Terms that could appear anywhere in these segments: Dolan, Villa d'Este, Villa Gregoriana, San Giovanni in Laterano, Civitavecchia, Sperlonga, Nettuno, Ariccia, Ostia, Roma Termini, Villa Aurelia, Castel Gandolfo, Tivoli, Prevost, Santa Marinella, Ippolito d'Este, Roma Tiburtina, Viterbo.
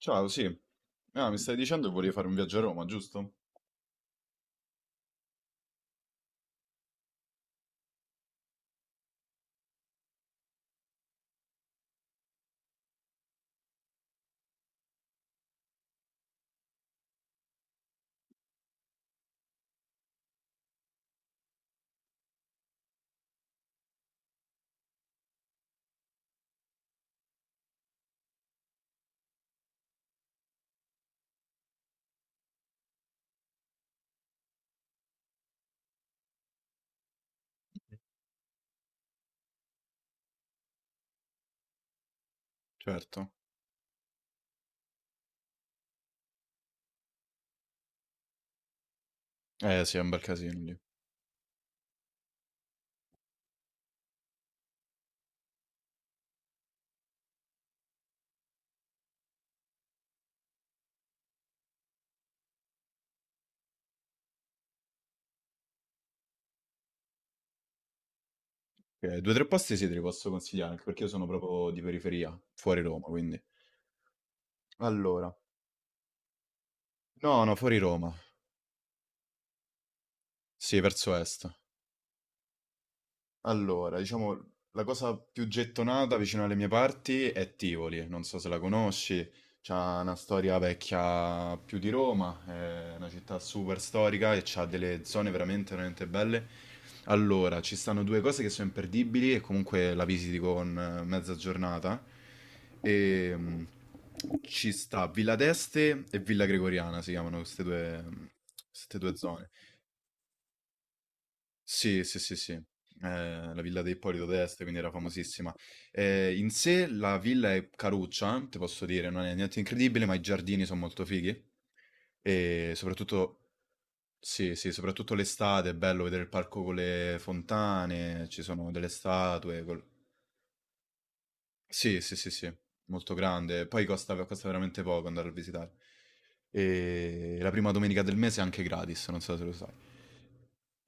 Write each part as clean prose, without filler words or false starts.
Ciao, sì. Ah, mi stai dicendo che volevi fare un viaggio a Roma, giusto? Certo. Eh sì, è un bel casino lì. Due o tre posti sì, te li posso consigliare, anche perché io sono proprio di periferia, fuori Roma, quindi. Allora. No, no, fuori Roma. Sì, verso est. Allora, diciamo, la cosa più gettonata vicino alle mie parti è Tivoli, non so se la conosci, c'ha una storia vecchia più di Roma, è una città super storica e c'ha delle zone veramente, veramente belle. Allora, ci stanno due cose che sono imperdibili e comunque la visiti con mezza giornata. E ci sta Villa d'Este e Villa Gregoriana, si chiamano queste due zone. Sì, sì, sì, sì. La villa di Ippolito d'Este, quindi era famosissima. In sé la villa è caruccia, ti posso dire, non è niente incredibile, ma i giardini sono molto fighi. E soprattutto, sì, sì, soprattutto l'estate è bello vedere il parco con le fontane, ci sono delle statue. Sì, sì, sì, sì, molto grande. Poi costa veramente poco andare a visitare. E la prima domenica del mese è anche gratis, non so se lo sai.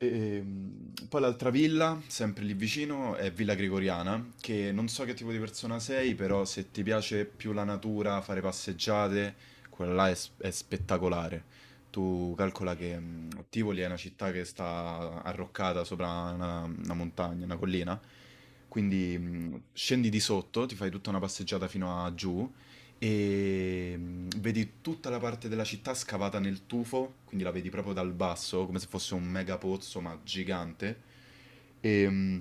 E poi l'altra villa, sempre lì vicino, è Villa Gregoriana, che non so che tipo di persona sei, però se ti piace più la natura, fare passeggiate, quella là è è spettacolare. Tu calcola che Tivoli è una città che sta arroccata sopra una montagna, una collina, quindi scendi di sotto, ti fai tutta una passeggiata fino a giù e vedi tutta la parte della città scavata nel tufo, quindi la vedi proprio dal basso, come se fosse un mega pozzo, ma gigante. E, mm,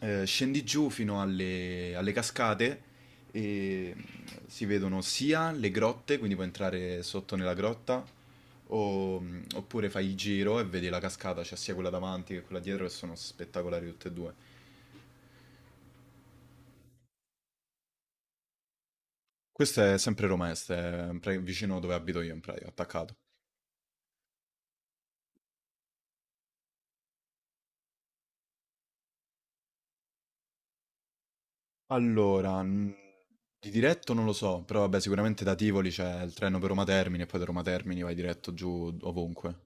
eh, scendi giù fino alle cascate e si vedono sia le grotte, quindi puoi entrare sotto nella grotta, oppure fai il giro e vedi la cascata, c'è sia quella davanti che quella dietro, che sono spettacolari tutte e due. Questa è sempre Romest, vicino dove abito io in pratica, attaccato. Allora, di diretto non lo so, però vabbè, sicuramente da Tivoli c'è il treno per Roma Termini e poi da Roma Termini vai diretto giù ovunque.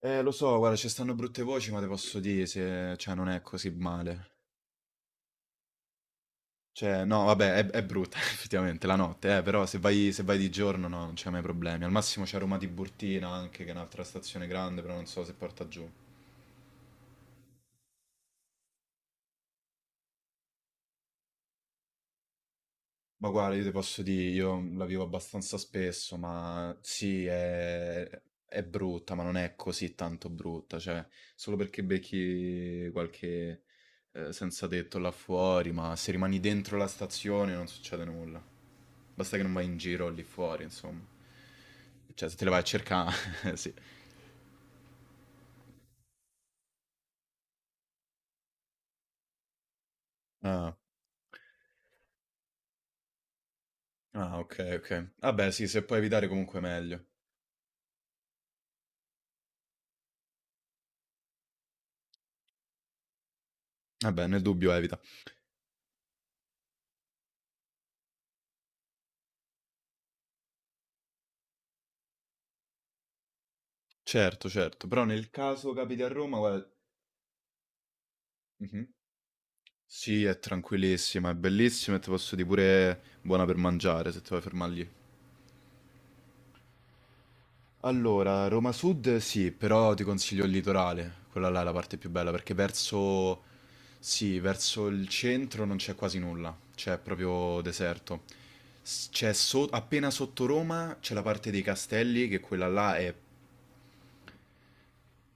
Lo so, guarda, ci stanno brutte voci, ma te posso dire se, cioè, non è così male. Cioè, no, vabbè, è brutta effettivamente la notte, però se vai di giorno no, non c'è mai problemi. Al massimo c'è Roma Tiburtina anche, che è un'altra stazione grande, però non so se porta giù. Ma guarda, io ti posso dire, io la vivo abbastanza spesso, ma sì, è brutta, ma non è così tanto brutta, cioè, solo perché becchi qualche senza tetto là fuori, ma se rimani dentro la stazione non succede nulla. Basta che non vai in giro lì fuori, insomma. Cioè, se te le vai a cercare, sì. Ah, ah, ok, ok. Vabbè, sì, se puoi evitare comunque meglio. Vabbè, nel dubbio evita. Certo, certo, però nel caso capiti a Roma, guarda. Mhm. Sì, è tranquillissima, è bellissima e ti posso dire pure buona per mangiare se ti vuoi fermare lì. Allora, Roma Sud sì, però ti consiglio il litorale, quella là è la parte più bella perché verso, sì, verso il centro non c'è quasi nulla, c'è proprio deserto. C'è appena sotto Roma c'è la parte dei castelli, che quella là è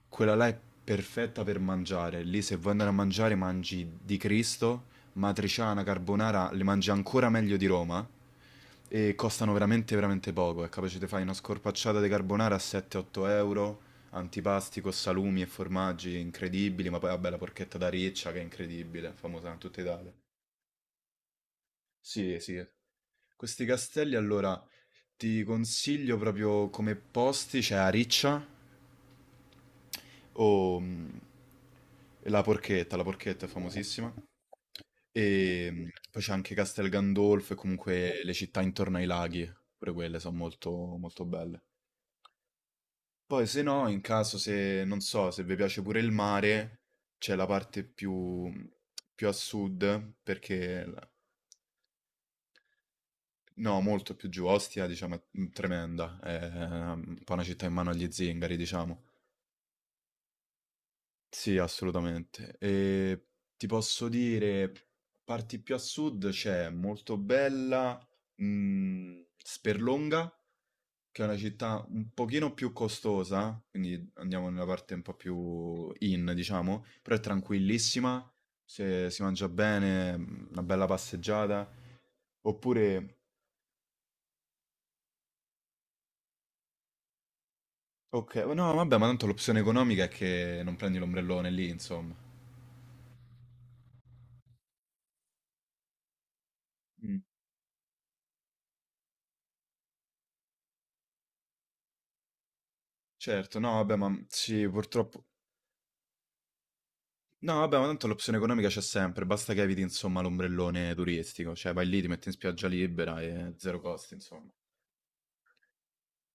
Quella là è perfetta per mangiare. Lì se vuoi andare a mangiare mangi di Cristo, matriciana, carbonara, le mangi ancora meglio di Roma e costano veramente veramente poco. È capace di fare una scorpacciata di carbonara a 7-8 euro, antipasti con salumi e formaggi incredibili, ma poi vabbè la porchetta da riccia che è incredibile, famosa in tutta Italia. Sì, sì. Questi castelli allora ti consiglio proprio come posti, c'è Ariccia, o mh, la porchetta è famosissima. E poi c'è anche Castel Gandolfo e comunque le città intorno ai laghi, pure quelle sono molto, molto belle. Poi se no, in caso se, non so, se vi piace pure il mare, c'è la parte più, più a sud, perché, no, molto più giù, Ostia, diciamo, è tremenda, è un po' una città in mano agli zingari, diciamo. Sì, assolutamente. E ti posso dire, parti più a sud c'è Moltobella, Sperlonga, che è una città un pochino più costosa, quindi andiamo nella parte un po' più in, diciamo, però è tranquillissima, se si mangia bene, una bella passeggiata. Oppure, ok, no, vabbè, ma tanto l'opzione economica è che non prendi l'ombrellone lì, insomma. Mm. Certo, no, vabbè, ma sì, purtroppo. No, vabbè, ma tanto l'opzione economica c'è sempre, basta che eviti, insomma, l'ombrellone turistico, cioè vai lì, ti metti in spiaggia libera e zero costi, insomma.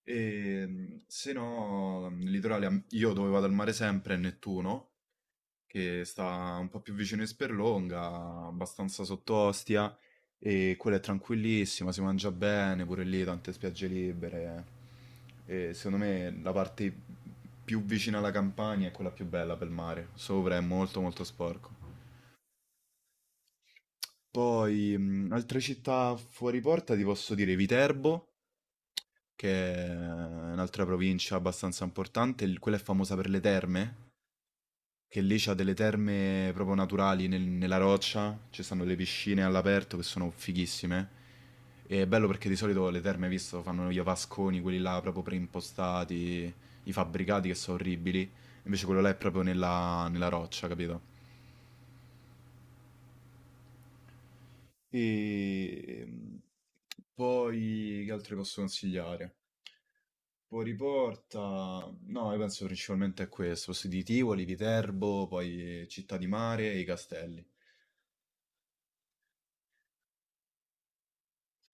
E se no, il litorale, io dove vado al mare sempre è Nettuno, che sta un po' più vicino in Sperlonga, abbastanza sotto Ostia, e quella è tranquillissima, si mangia bene, pure lì tante spiagge libere. E secondo me la parte più vicina alla campagna è quella più bella per il mare, sopra è molto molto sporco. Poi, altre città fuori porta, ti posso dire Viterbo, che è un'altra provincia abbastanza importante, quella è famosa per le terme, che lì c'ha delle terme proprio naturali nella roccia, ci stanno le piscine all'aperto che sono fighissime. E è bello perché di solito le terme, hai visto, fanno gli avasconi, quelli là proprio preimpostati, i fabbricati che sono orribili, invece quello là è proprio nella roccia, capito? E poi che altro posso consigliare? Poi riporta, no, io penso principalmente a questo, posti di Tivoli, Viterbo, poi Città di Mare e i castelli.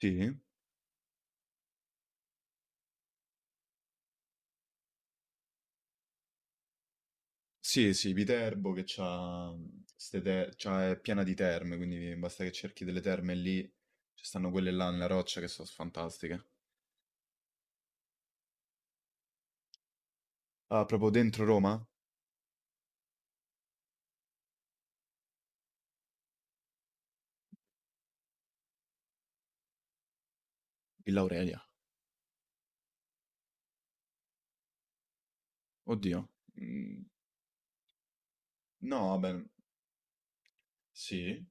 Sì? Sì, sì, Viterbo che c'ha, ste te- c'ha- è piena di terme, quindi basta che cerchi delle terme lì, ci stanno quelle là nella roccia che sono fantastiche. Ah, proprio dentro Roma? Villa Aurelia. Oddio. Mm, no, vabbè, sì.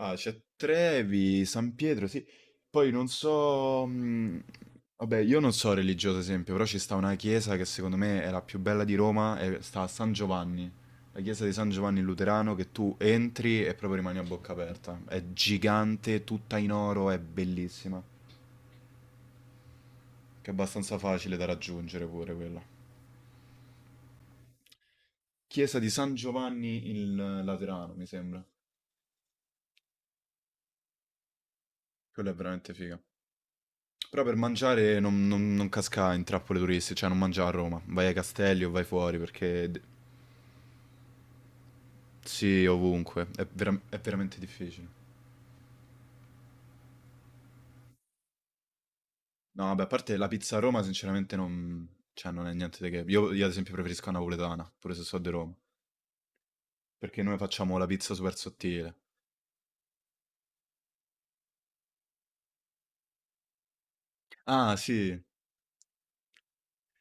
Ah, c'è Trevi, San Pietro, sì. Poi non so. Vabbè, io non so religioso esempio, però ci sta una chiesa che secondo me è la più bella di Roma e sta a San Giovanni. La chiesa di San Giovanni Luterano che tu entri e proprio rimani a bocca aperta. È gigante, tutta in oro, è bellissima. Che è abbastanza facile da raggiungere pure quella. Chiesa di San Giovanni il Laterano, mi sembra. Quella è veramente figa. Però per mangiare non casca in trappole turistiche, cioè non mangia a Roma, vai ai castelli o vai fuori perché sì, ovunque, è veramente difficile. No, vabbè, a parte la pizza a Roma sinceramente non, cioè, non è niente di che. Io, ad esempio, preferisco la napoletana, pure se so di Roma, perché noi facciamo la pizza super sottile. Ah sì.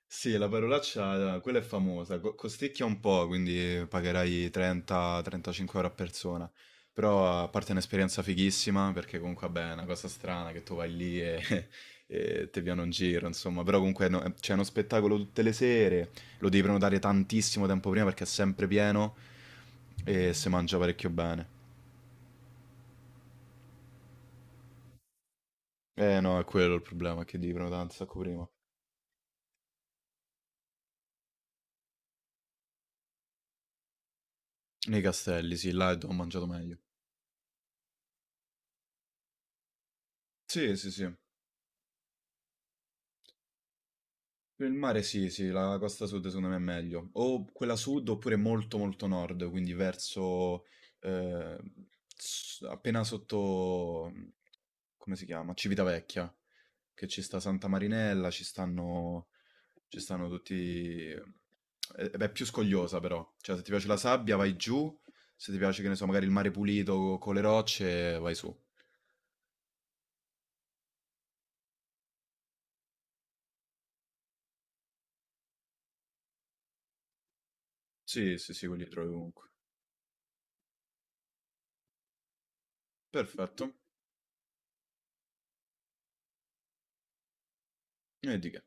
Sì, la parolaccia, quella è famosa, costicchia un po', quindi pagherai 30-35 euro a persona, però a parte un'esperienza fighissima, perché comunque vabbè, è una cosa strana che tu vai lì e, e ti viene un giro, insomma, però comunque c'è uno spettacolo tutte le sere, lo devi prenotare tantissimo tempo prima perché è sempre pieno e si mangia parecchio bene. Eh no, è quello il problema, che devi prenotare un sacco prima. Nei castelli, sì, là è dove ho mangiato meglio. Sì, sì, sì. Il mare sì, sì, la costa sud secondo me è meglio. O quella sud oppure molto molto nord, quindi verso eh, appena sotto, come si chiama? Civitavecchia, che ci sta Santa Marinella, ci stanno tutti. eh, Beh, è più scogliosa però, cioè se ti piace la sabbia vai giù, se ti piace che ne so, magari il mare pulito con le rocce vai su. Sì, sì, sì, quelli li trovi ovunque. Perfetto, e di che.